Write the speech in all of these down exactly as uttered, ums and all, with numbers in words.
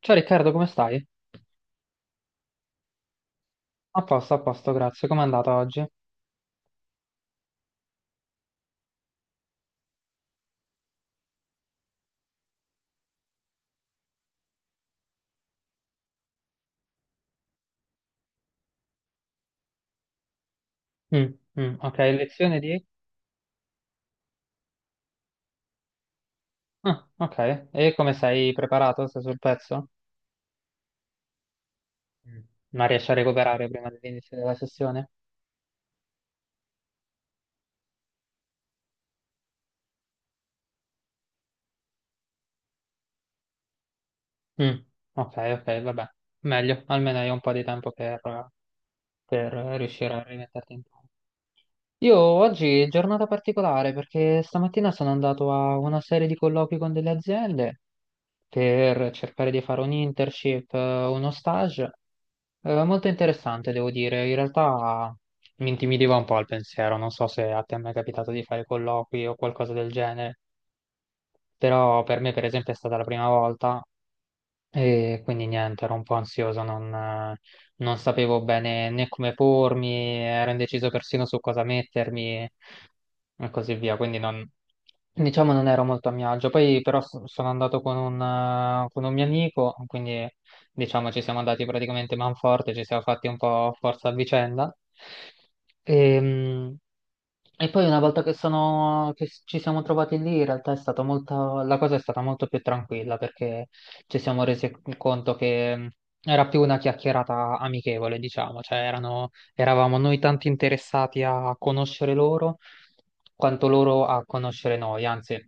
Ciao Riccardo, come stai? A posto, a posto, grazie. Com'è andata oggi? Mm, mm, ok, lezione di. Ah, ok. E come sei preparato? Sei sul pezzo? Mm. Ma riesci a recuperare prima dell'inizio della sessione? Mm, ok, ok, vabbè. Meglio, almeno hai un po' di tempo per, per riuscire a rimetterti in campo. Io oggi è giornata particolare perché stamattina sono andato a una serie di colloqui con delle aziende per cercare di fare un internship, eh, uno stage. Eh, molto interessante, devo dire. In realtà mi intimidiva un po' il pensiero. Non so se a te è mai capitato di fare colloqui o qualcosa del genere, però per me, per esempio, è stata la prima volta e quindi niente, ero un po' ansioso, non, eh, non sapevo bene né come pormi, ero indeciso persino su cosa mettermi e così via. Quindi non. Diciamo non ero molto a mio agio, poi però so- sono andato con un, eh, con un mio amico, quindi diciamo ci siamo andati praticamente manforte, ci siamo fatti un po' forza a vicenda. Ehm, e poi una volta che, sono, che ci siamo trovati lì, in realtà è stato molto, la cosa è stata molto più tranquilla perché ci siamo resi conto che mh, era più una chiacchierata amichevole, diciamo, cioè erano, eravamo noi tanto interessati a conoscere loro quanto loro a conoscere noi, anzi,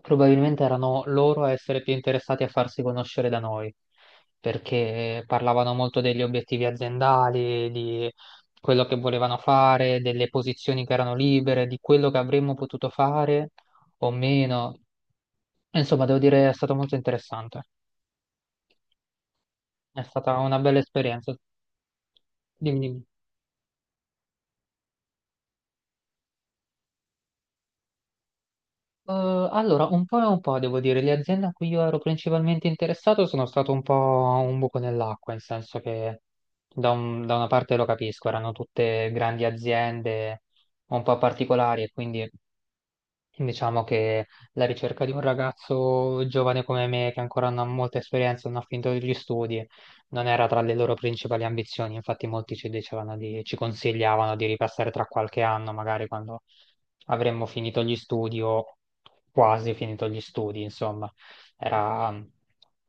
probabilmente erano loro a essere più interessati a farsi conoscere da noi perché parlavano molto degli obiettivi aziendali, di quello che volevano fare, delle posizioni che erano libere, di quello che avremmo potuto fare o meno. Insomma, devo dire, è stato molto interessante. È stata una bella esperienza. Dimmi, dimmi. Eh, allora, un po' e un po', devo dire, le aziende a cui io ero principalmente interessato sono stato un po' un buco nell'acqua, nel senso che da, un- da una parte lo capisco, erano tutte grandi aziende un po' particolari e quindi diciamo che la ricerca di un ragazzo giovane come me, che ancora non ha molta esperienza, non ha finito gli studi, non era tra le loro principali ambizioni. Infatti, molti ci dicevano di, ci consigliavano di ripassare tra qualche anno, magari quando avremmo finito gli studi o quasi finito gli studi, insomma. Era.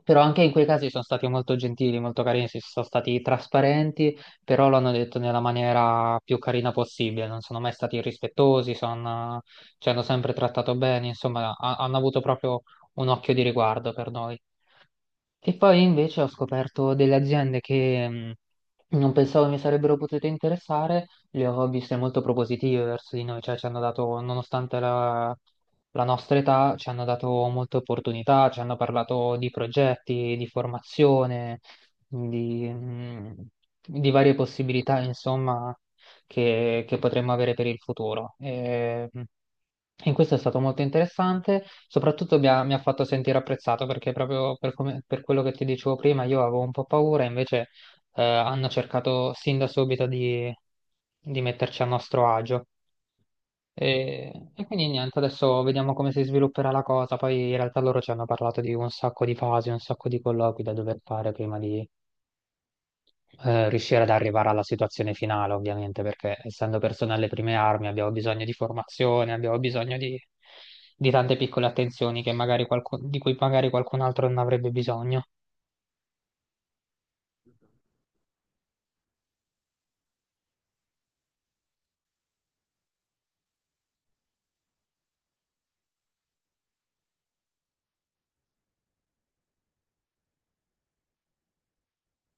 Però anche in quei casi sono stati molto gentili, molto carini, si sono stati trasparenti, però l'hanno detto nella maniera più carina possibile, non sono mai stati irrispettosi, sono ci hanno sempre trattato bene, insomma, ha- hanno avuto proprio un occhio di riguardo per noi. E poi invece ho scoperto delle aziende che mh, non pensavo mi sarebbero potute interessare, le ho viste molto propositive verso di noi, cioè ci hanno dato, nonostante la, la nostra età, ci hanno dato molte opportunità, ci hanno parlato di progetti, di formazione, di, mh, di varie possibilità, insomma, che, che potremmo avere per il futuro. Ehm, E, in questo è stato molto interessante, soprattutto mi ha, mi ha fatto sentire apprezzato perché proprio per, come- per quello che ti dicevo prima io avevo un po' paura, invece eh, hanno cercato sin da subito di, di metterci a nostro agio. E, e quindi niente, adesso vediamo come si svilupperà la cosa. Poi in realtà loro ci hanno parlato di un sacco di fasi, un sacco di colloqui da dover fare prima di eh, riuscire ad arrivare alla situazione finale, ovviamente, perché essendo persone alle prime armi abbiamo bisogno di formazione, abbiamo bisogno di, di tante piccole attenzioni che magari qualcun- di cui magari qualcun altro non avrebbe bisogno.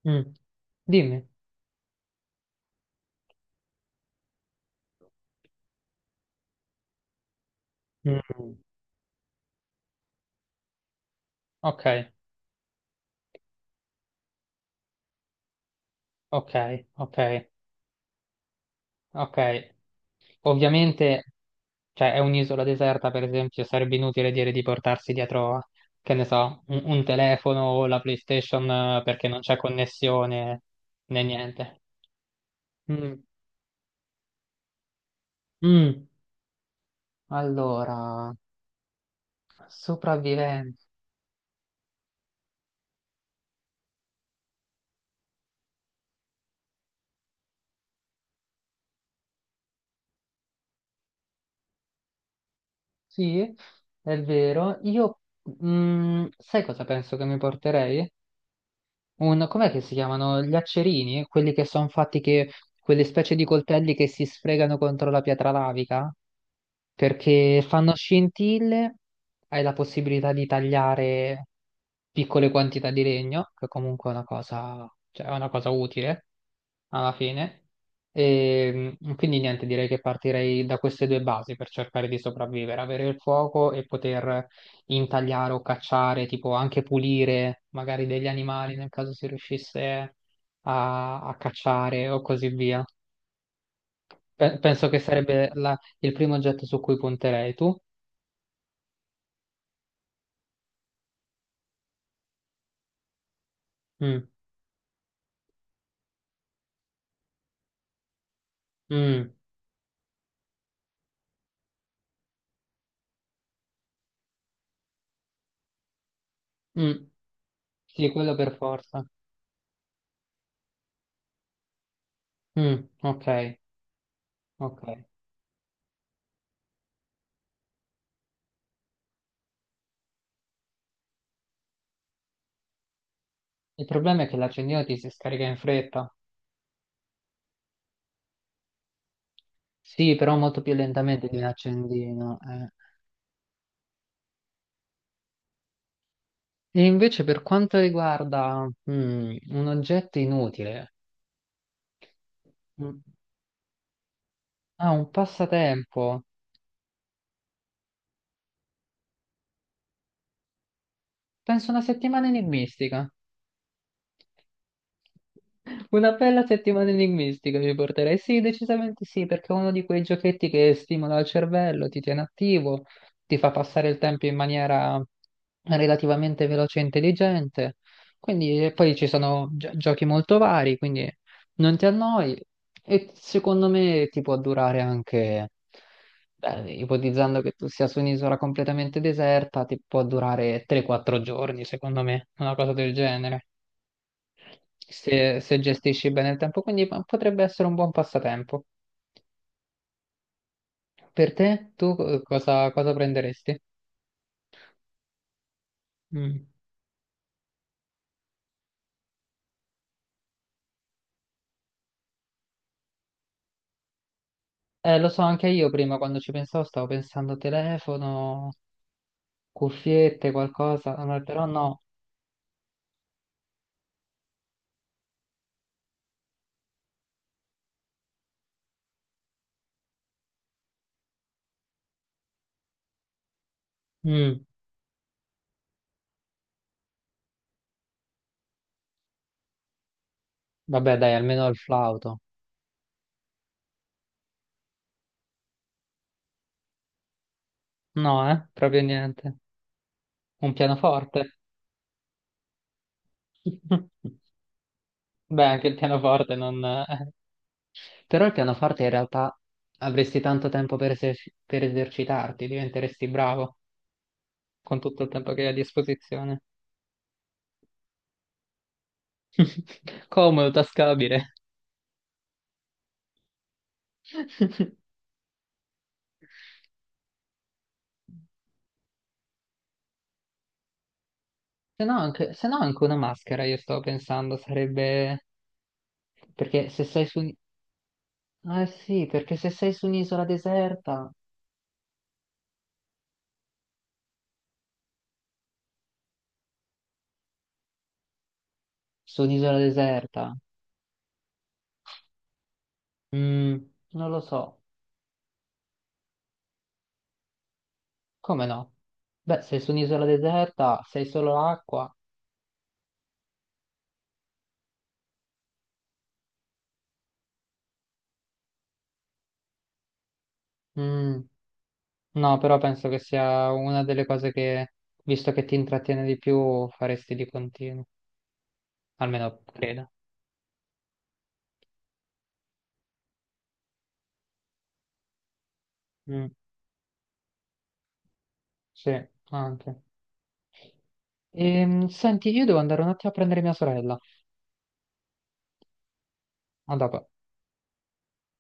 Mm. Dimmi. Mm. Ok, ok, ok, ok. Ovviamente, cioè, è un'isola deserta, per esempio, sarebbe inutile dire di portarsi dietro, che ne so, un, un telefono o la PlayStation eh, perché non c'è connessione né niente. Mm. Mm, allora, sopravvivenza. Sì, è vero. Io, mm, sai cosa penso che mi porterei? Un, com'è che si chiamano? Gli accerini? Quelli che sono fatti che, quelle specie di coltelli che si sfregano contro la pietra lavica? Perché fanno scintille, hai la possibilità di tagliare piccole quantità di legno, che comunque è una cosa, cioè, è una cosa utile alla fine. E mm, quindi niente, direi che partirei da queste due basi per cercare di sopravvivere, avere il fuoco e poter intagliare o cacciare, tipo anche pulire magari degli animali nel caso si riuscisse a, a cacciare o così via. Pe- penso che sarebbe la- il primo oggetto su cui punterei tu. Mm, mm, mm. Sì, quello per forza. Mm, ok, ok. Il problema è che l'accendino ti si scarica in fretta. Sì, però molto più lentamente di un accendino. eh. E invece per quanto riguarda mm, un oggetto inutile, mm, ah, un passatempo. Penso una settimana enigmistica. Una bella settimana enigmistica mi porterei? Sì, decisamente sì, perché è uno di quei giochetti che stimola il cervello, ti tiene attivo, ti fa passare il tempo in maniera relativamente veloce e intelligente. Quindi, e poi ci sono gio- giochi molto vari, quindi non ti annoi e secondo me ti può durare anche, beh, ipotizzando che tu sia su un'isola completamente deserta, ti può durare tre quattro giorni, secondo me, una cosa del genere se, se gestisci bene il tempo, quindi p- potrebbe essere un buon passatempo. Per te, tu eh, cosa, cosa prenderesti? Mm. Eh, lo so, anche io prima quando ci pensavo stavo pensando telefono, cuffiette, qualcosa, ma però no. Mm. Vabbè, dai, almeno il flauto. No, eh, proprio niente. Un pianoforte. Beh, anche il pianoforte non... eh. Però il pianoforte in realtà avresti tanto tempo per, eser- per esercitarti, diventeresti bravo. Con tutto il tempo che hai a disposizione. Comodo, tascabile. Se no anche, se no anche una maschera, io sto pensando, sarebbe. Perché se sei su... un- ah sì, perché se sei su un'isola deserta. Su un'isola deserta? Mm, Non lo so. Come no? Beh, sei su un'isola deserta, sei solo acqua. Mm, no, però penso che sia una delle cose che, visto che ti intrattiene di più, faresti di continuo. Almeno credo. Mm. Sì, anche. Ehm, senti, io devo andare un attimo a prendere mia sorella. A dopo.